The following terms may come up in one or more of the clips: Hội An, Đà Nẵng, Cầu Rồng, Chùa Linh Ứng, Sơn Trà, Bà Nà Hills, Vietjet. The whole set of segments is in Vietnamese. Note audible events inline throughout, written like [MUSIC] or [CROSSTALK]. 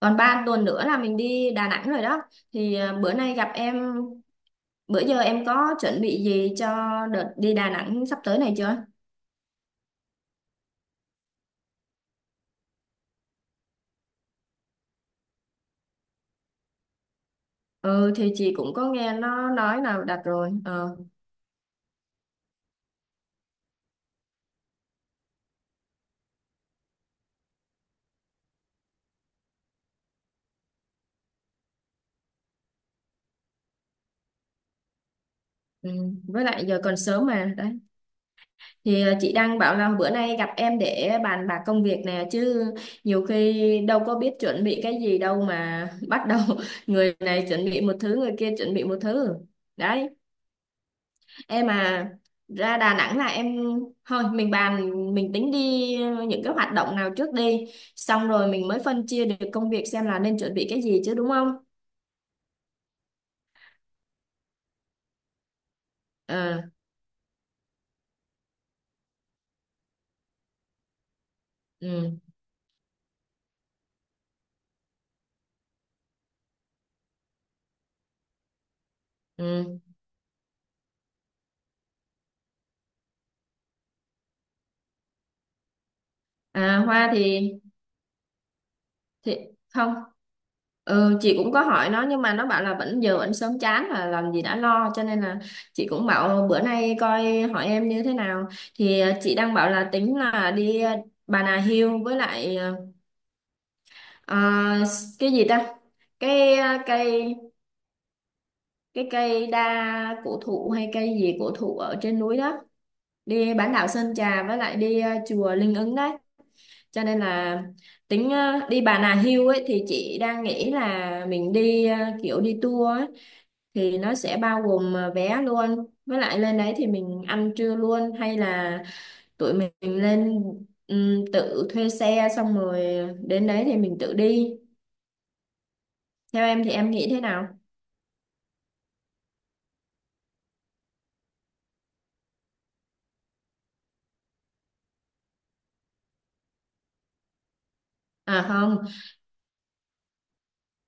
Còn 3 tuần nữa là mình đi Đà Nẵng rồi đó. Thì bữa nay gặp em, bữa giờ em có chuẩn bị gì cho đợt đi Đà Nẵng sắp tới này chưa? Ừ thì chị cũng có nghe nó nói là đặt rồi. Ờ, ừ. Với lại giờ còn sớm mà đấy. Thì chị đang bảo là bữa nay gặp em để bàn bạc công việc nè chứ, nhiều khi đâu có biết chuẩn bị cái gì đâu mà [LAUGHS] bắt đầu người này chuẩn bị một thứ, người kia chuẩn bị một thứ đấy. Em mà ra Đà Nẵng là em, thôi mình bàn, mình tính đi những cái hoạt động nào trước đi, xong rồi mình mới phân chia được công việc xem là nên chuẩn bị cái gì chứ, đúng không? Ờ. Ừ, ừ. Hoa thì không. Ừ, chị cũng có hỏi nó nhưng mà nó bảo là vẫn giờ vẫn sớm chán, là làm gì đã lo, cho nên là chị cũng bảo bữa nay coi hỏi em như thế nào. Thì chị đang bảo là tính là đi Bà Nà Hills với lại À, cái gì ta, cái cây, cái cây đa cổ thụ hay cây gì cổ thụ ở trên núi đó. Đi bán đảo Sơn Trà với lại đi chùa Linh Ứng đấy, cho nên là tính đi Bà Nà Hills ấy thì chị đang nghĩ là mình đi kiểu đi tour ấy, thì nó sẽ bao gồm vé luôn, với lại lên đấy thì mình ăn trưa luôn hay là tụi mình lên tự thuê xe xong rồi đến đấy thì mình tự đi. Theo em thì em nghĩ thế nào? À không,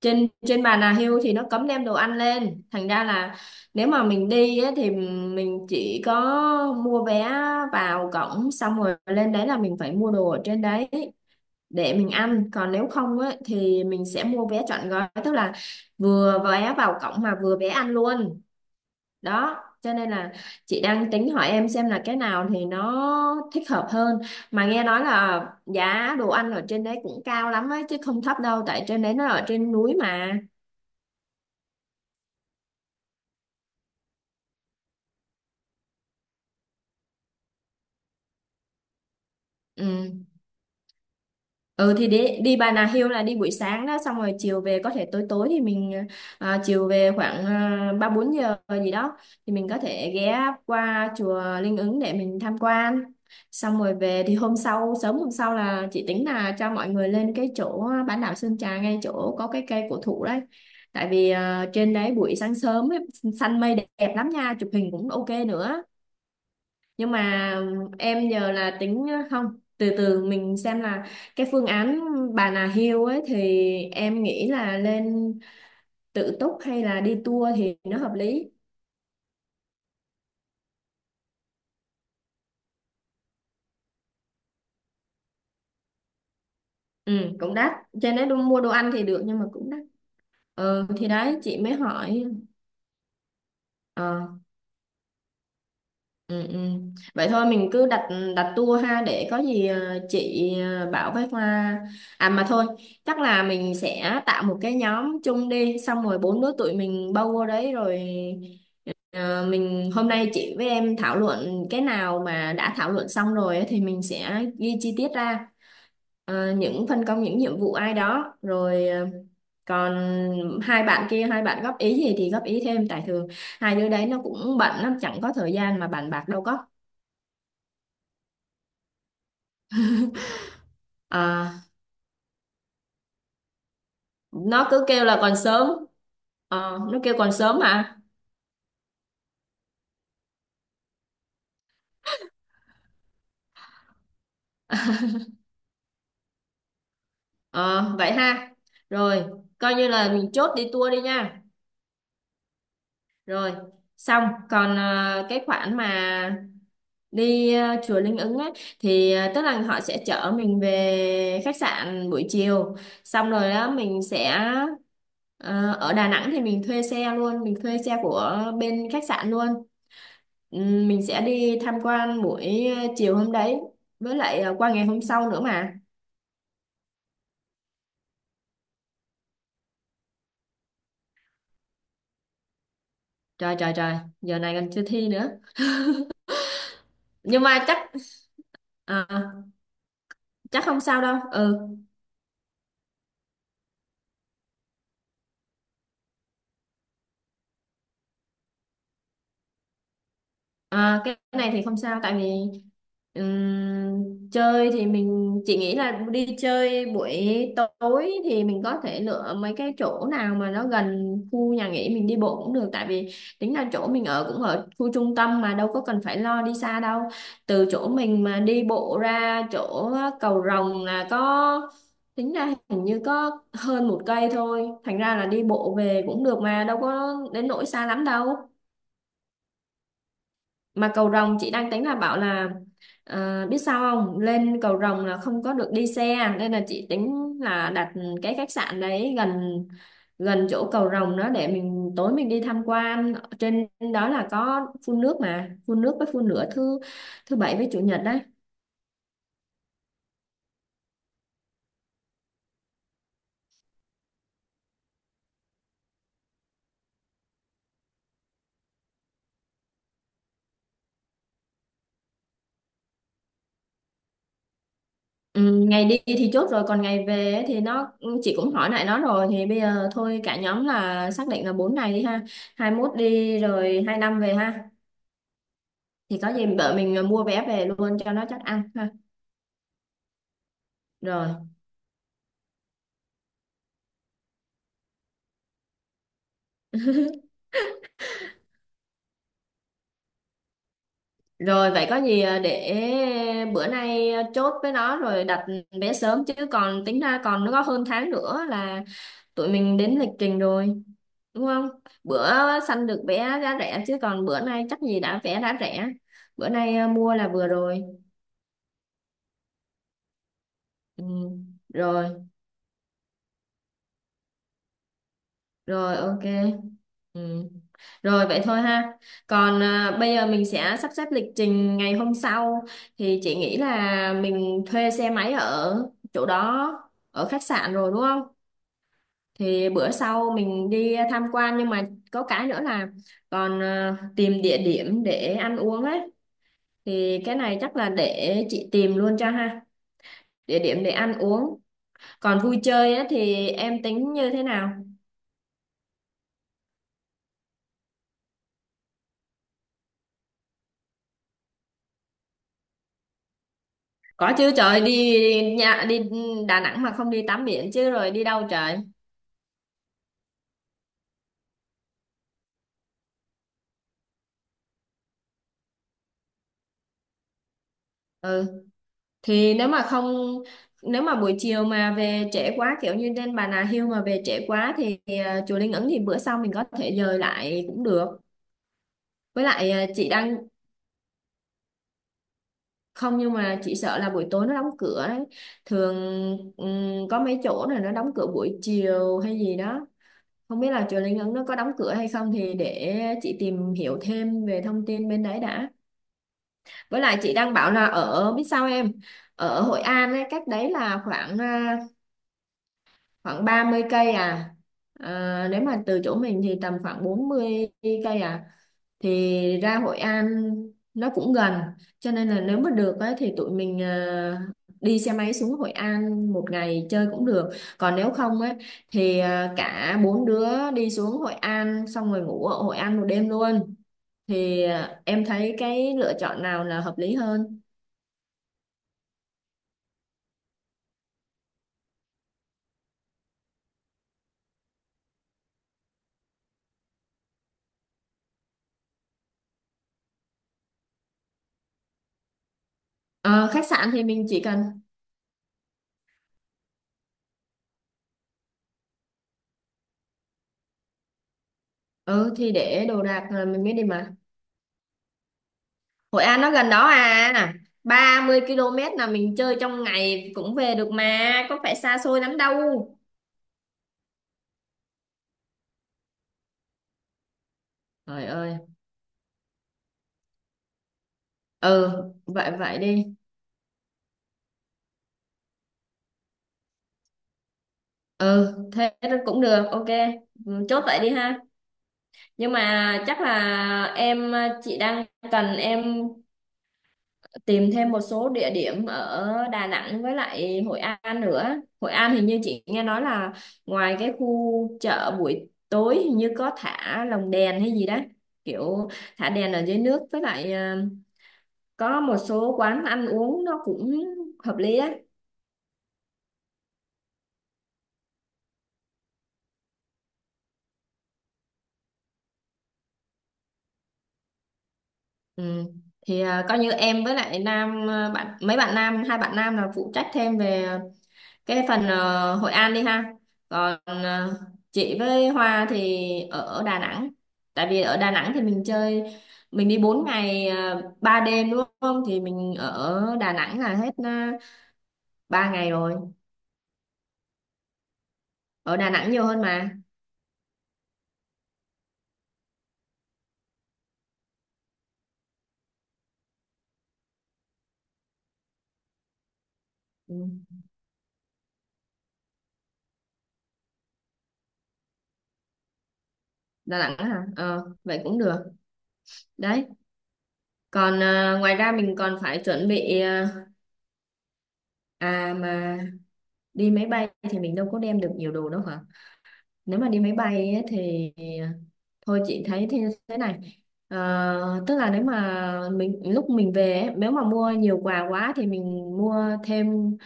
trên trên bàn Nà hưu thì nó cấm đem đồ ăn lên. Thành ra là nếu mà mình đi á, thì mình chỉ có mua vé vào cổng, xong rồi lên đấy là mình phải mua đồ ở trên đấy để mình ăn. Còn nếu không á, thì mình sẽ mua vé trọn gói, tức là vừa vé vào cổng mà vừa vé ăn luôn. Đó cho nên là chị đang tính hỏi em xem là cái nào thì nó thích hợp hơn, mà nghe nói là giá đồ ăn ở trên đấy cũng cao lắm ấy chứ không thấp đâu, tại trên đấy nó ở trên núi mà. Ừ. Ừ thì đi đi Bà Nà Hills là đi buổi sáng đó, xong rồi chiều về có thể tối tối thì mình chiều về khoảng ba bốn giờ gì đó, thì mình có thể ghé qua chùa Linh Ứng để mình tham quan, xong rồi về. Thì hôm sau, sớm hôm sau là chị tính là cho mọi người lên cái chỗ bán đảo Sơn Trà, ngay chỗ có cái cây cổ thụ đấy, tại vì trên đấy buổi sáng sớm ấy, xanh mây đẹp lắm nha, chụp hình cũng ok nữa, nhưng mà em nhờ là tính không, từ từ mình xem là cái phương án Bà Nà Hill ấy thì em nghĩ là lên tự túc hay là đi tour thì nó hợp lý? Ừ, cũng đắt. Trên đấy mua đồ ăn thì được nhưng mà cũng đắt. Ờ thì đấy chị mới hỏi. Ờ. Ừ, ừ. Vậy thôi mình cứ đặt đặt tour ha, để có gì chị bảo với Hoa. À mà thôi, chắc là mình sẽ tạo một cái nhóm chung, đi xong rồi bốn đứa tụi mình bao vô đấy rồi. Ờ, mình hôm nay chị với em thảo luận cái nào mà đã thảo luận xong rồi ấy, thì mình sẽ ghi chi tiết ra. Ờ, những phân công những nhiệm vụ ai đó rồi còn hai bạn kia hai bạn góp ý gì thì góp ý thêm, tại thường hai đứa đấy nó cũng bận lắm chẳng có thời gian mà bàn bạc đâu có. Ờ, nó cứ kêu là còn sớm. Ờ, nó kêu còn sớm mà. Ờ, vậy ha. Rồi, coi như là mình chốt đi tour đi nha. Rồi xong. Còn cái khoản mà đi chùa Linh Ứng ấy thì tức là họ sẽ chở mình về khách sạn buổi chiều, xong rồi đó mình sẽ ở Đà Nẵng thì mình thuê xe luôn, mình thuê xe của bên khách sạn luôn. Mình sẽ đi tham quan buổi chiều hôm đấy, với lại qua ngày hôm sau nữa mà. Trời, trời, trời! Giờ này còn chưa thi nữa. Nhưng mà ờ, chắc không sao đâu. Ừ. À, cái này thì không sao, tại vì chơi thì mình chỉ nghĩ là đi chơi buổi tối thì mình có thể lựa mấy cái chỗ nào mà nó gần khu nhà nghỉ, mình đi bộ cũng được, tại vì tính là chỗ mình ở cũng ở khu trung tâm mà, đâu có cần phải lo đi xa đâu. Từ chỗ mình mà đi bộ ra chỗ cầu Rồng là có, tính ra hình như có hơn 1 cây thôi, thành ra là đi bộ về cũng được mà, đâu có đến nỗi xa lắm đâu. Mà cầu rồng chị đang tính là bảo là biết sao không, lên cầu rồng là không có được đi xe, nên là chị tính là đặt cái khách sạn đấy gần gần chỗ cầu rồng đó để mình tối mình đi tham quan. Trên đó là có phun nước mà, phun nước với phun lửa thứ thứ bảy với chủ nhật đấy. Ừ, ngày đi thì chốt rồi còn ngày về ấy thì nó, chị cũng hỏi lại nó rồi thì bây giờ thôi cả nhóm là xác định là 4 ngày đi ha, 21 đi rồi 25 về ha. Thì có gì vợ mình mua vé về luôn cho nó chắc ăn ha. Rồi rồi vậy có gì để bữa nay chốt với nó rồi đặt vé sớm, chứ còn tính ra còn nó có hơn tháng nữa là tụi mình đến lịch trình rồi, đúng không? Bữa săn được vé giá rẻ chứ còn bữa nay chắc gì đã vé đã rẻ, bữa nay mua là vừa rồi. Ừ. Rồi. Rồi ok. Ừ. Rồi vậy thôi ha. Còn bây giờ mình sẽ sắp xếp lịch trình ngày hôm sau thì chị nghĩ là mình thuê xe máy ở chỗ đó, ở khách sạn rồi, đúng không? Thì bữa sau mình đi tham quan, nhưng mà có cái nữa là còn tìm địa điểm để ăn uống ấy, thì cái này chắc là để chị tìm luôn cho ha. Địa điểm để ăn uống. Còn vui chơi á thì em tính như thế nào? Có chứ trời, đi nhà, đi Đà Nẵng mà không đi tắm biển chứ rồi đi đâu trời. Ừ thì nếu mà không nếu mà buổi chiều mà về trễ quá, kiểu như lên Bà Nà Hills mà về trễ quá, thì chùa Linh Ứng thì bữa sau mình có thể dời lại cũng được. Với lại chị đang, không nhưng mà chị sợ là buổi tối nó đóng cửa đấy. Thường có mấy chỗ này nó đóng cửa buổi chiều hay gì đó. Không biết là chùa Linh Ứng nó có đóng cửa hay không thì để chị tìm hiểu thêm về thông tin bên đấy đã. Với lại chị đang bảo là ở biết sao em, ở Hội An ấy, cách đấy là khoảng khoảng 30 cây à. À, nếu mà từ chỗ mình thì tầm khoảng 40 cây à, thì ra Hội An nó cũng gần, cho nên là nếu mà được ấy, thì tụi mình đi xe máy xuống Hội An một ngày chơi cũng được. Còn nếu không ấy thì cả bốn đứa đi xuống Hội An xong rồi ngủ ở Hội An một đêm luôn. Thì em thấy cái lựa chọn nào là hợp lý hơn? Ờ, khách sạn thì mình chỉ cần, ừ thì để đồ đạc là mình mới đi mà. Hội An nó gần đó à, 30 km là mình chơi trong ngày cũng về được mà, có phải xa xôi lắm đâu. Trời ơi. Ừ, vậy vậy đi. Ừ thế cũng được, ok. Ừ, chốt vậy đi ha. Nhưng mà chắc là em, chị đang cần em tìm thêm một số địa điểm ở Đà Nẵng với lại Hội An nữa. Hội An hình như chị nghe nói là ngoài cái khu chợ buổi tối hình như có thả lồng đèn hay gì đó, kiểu thả đèn ở dưới nước, với lại có một số quán ăn uống nó cũng hợp lý á. Ừ. Thì coi như em với lại Nam, bạn mấy bạn nam hai bạn nam là phụ trách thêm về cái phần Hội An đi ha. Còn chị với Hoa thì ở Đà Nẵng, tại vì ở Đà Nẵng thì mình chơi, mình đi 4 ngày 3 đêm đúng không, thì mình ở Đà Nẵng là hết uh, 3 ngày rồi, ở Đà Nẵng nhiều hơn mà. Ừ, Đà Nẵng hả. Ờ vậy cũng được đấy. Còn ngoài ra mình còn phải chuẩn bị à mà đi máy bay thì mình đâu có đem được nhiều đồ đâu hả? Nếu mà đi máy bay ấy, thì thôi chị thấy thế thế này. Ờ, tức là nếu mà mình lúc mình về ấy, nếu mà mua nhiều quà quá thì mình mua thêm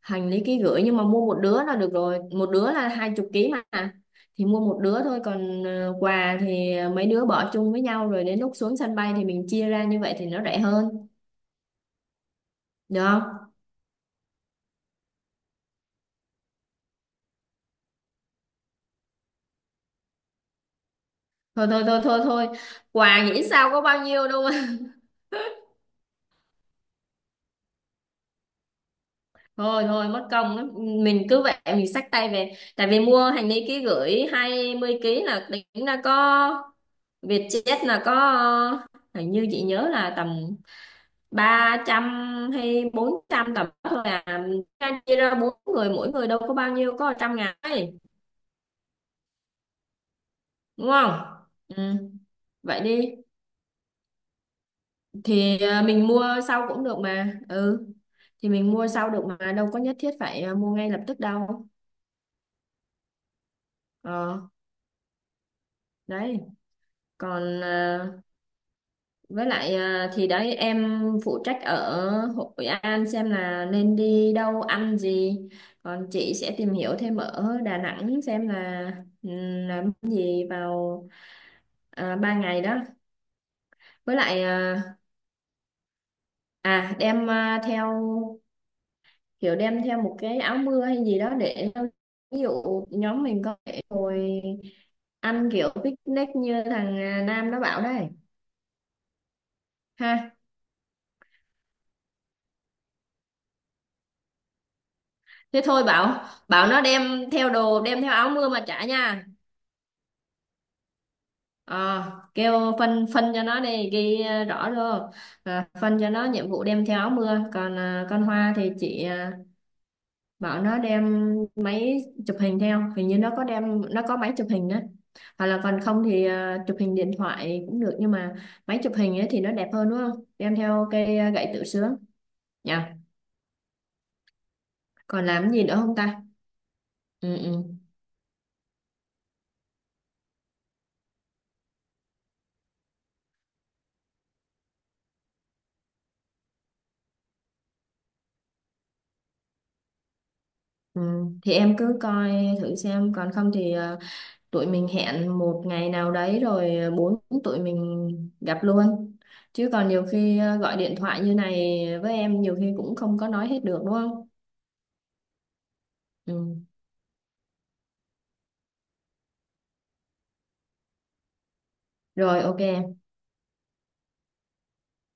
hành lý ký gửi, nhưng mà mua một đứa là được rồi, một đứa là 20 ký mà. Thì mua một đứa thôi, còn quà thì mấy đứa bỏ chung với nhau rồi đến lúc xuống sân bay thì mình chia ra, như vậy thì nó rẻ hơn, được không? Thôi, thôi, thôi, thôi, thôi, quà nghĩ sao có bao nhiêu đâu. Thôi, thôi, mất công lắm. Mình cứ vậy mình xách tay về, tại vì mua hành lý ký gửi 20 ký là tính ra có Vietjet là có hình như chị nhớ là tầm 300 hay 400 tầm đó thôi à. Ra chia ra bốn người mỗi người đâu có bao nhiêu, có trăm ngàn ấy, đúng không. Ừ. Vậy đi. Thì mình mua sau cũng được mà. Ừ thì mình mua sau được mà đâu có nhất thiết phải mua ngay lập tức đâu. Ờ đấy. Còn với lại thì đấy em phụ trách ở Hội An xem là nên đi đâu ăn gì. Còn chị sẽ tìm hiểu thêm ở Đà Nẵng xem là làm gì vào 3 ngày đó. Với lại đem theo kiểu đem theo một cái áo mưa hay gì đó để ví dụ nhóm mình có thể ngồi ăn kiểu picnic như thằng Nam nó bảo đây. Ha. Thế thôi bảo bảo nó đem theo đồ, đem theo áo mưa mà trả nha. Ờ, kêu phân phân cho nó đi, ghi rõ vô, phân cho nó nhiệm vụ đem theo áo mưa. Còn con Hoa thì chị bảo nó đem máy chụp hình theo, hình như nó có đem, nó có máy chụp hình đó. Hoặc là còn không thì chụp hình điện thoại cũng được nhưng mà máy chụp hình ấy thì nó đẹp hơn, đúng không? Đem theo cây gậy tự sướng nha. Còn làm cái gì nữa không ta. Ừ, ừ, ừ. Thì em cứ coi thử xem còn không thì tụi mình hẹn một ngày nào đấy rồi bốn tụi mình gặp luôn, chứ còn nhiều khi gọi điện thoại như này với em nhiều khi cũng không có nói hết được, đúng không? Ừ. Rồi ok.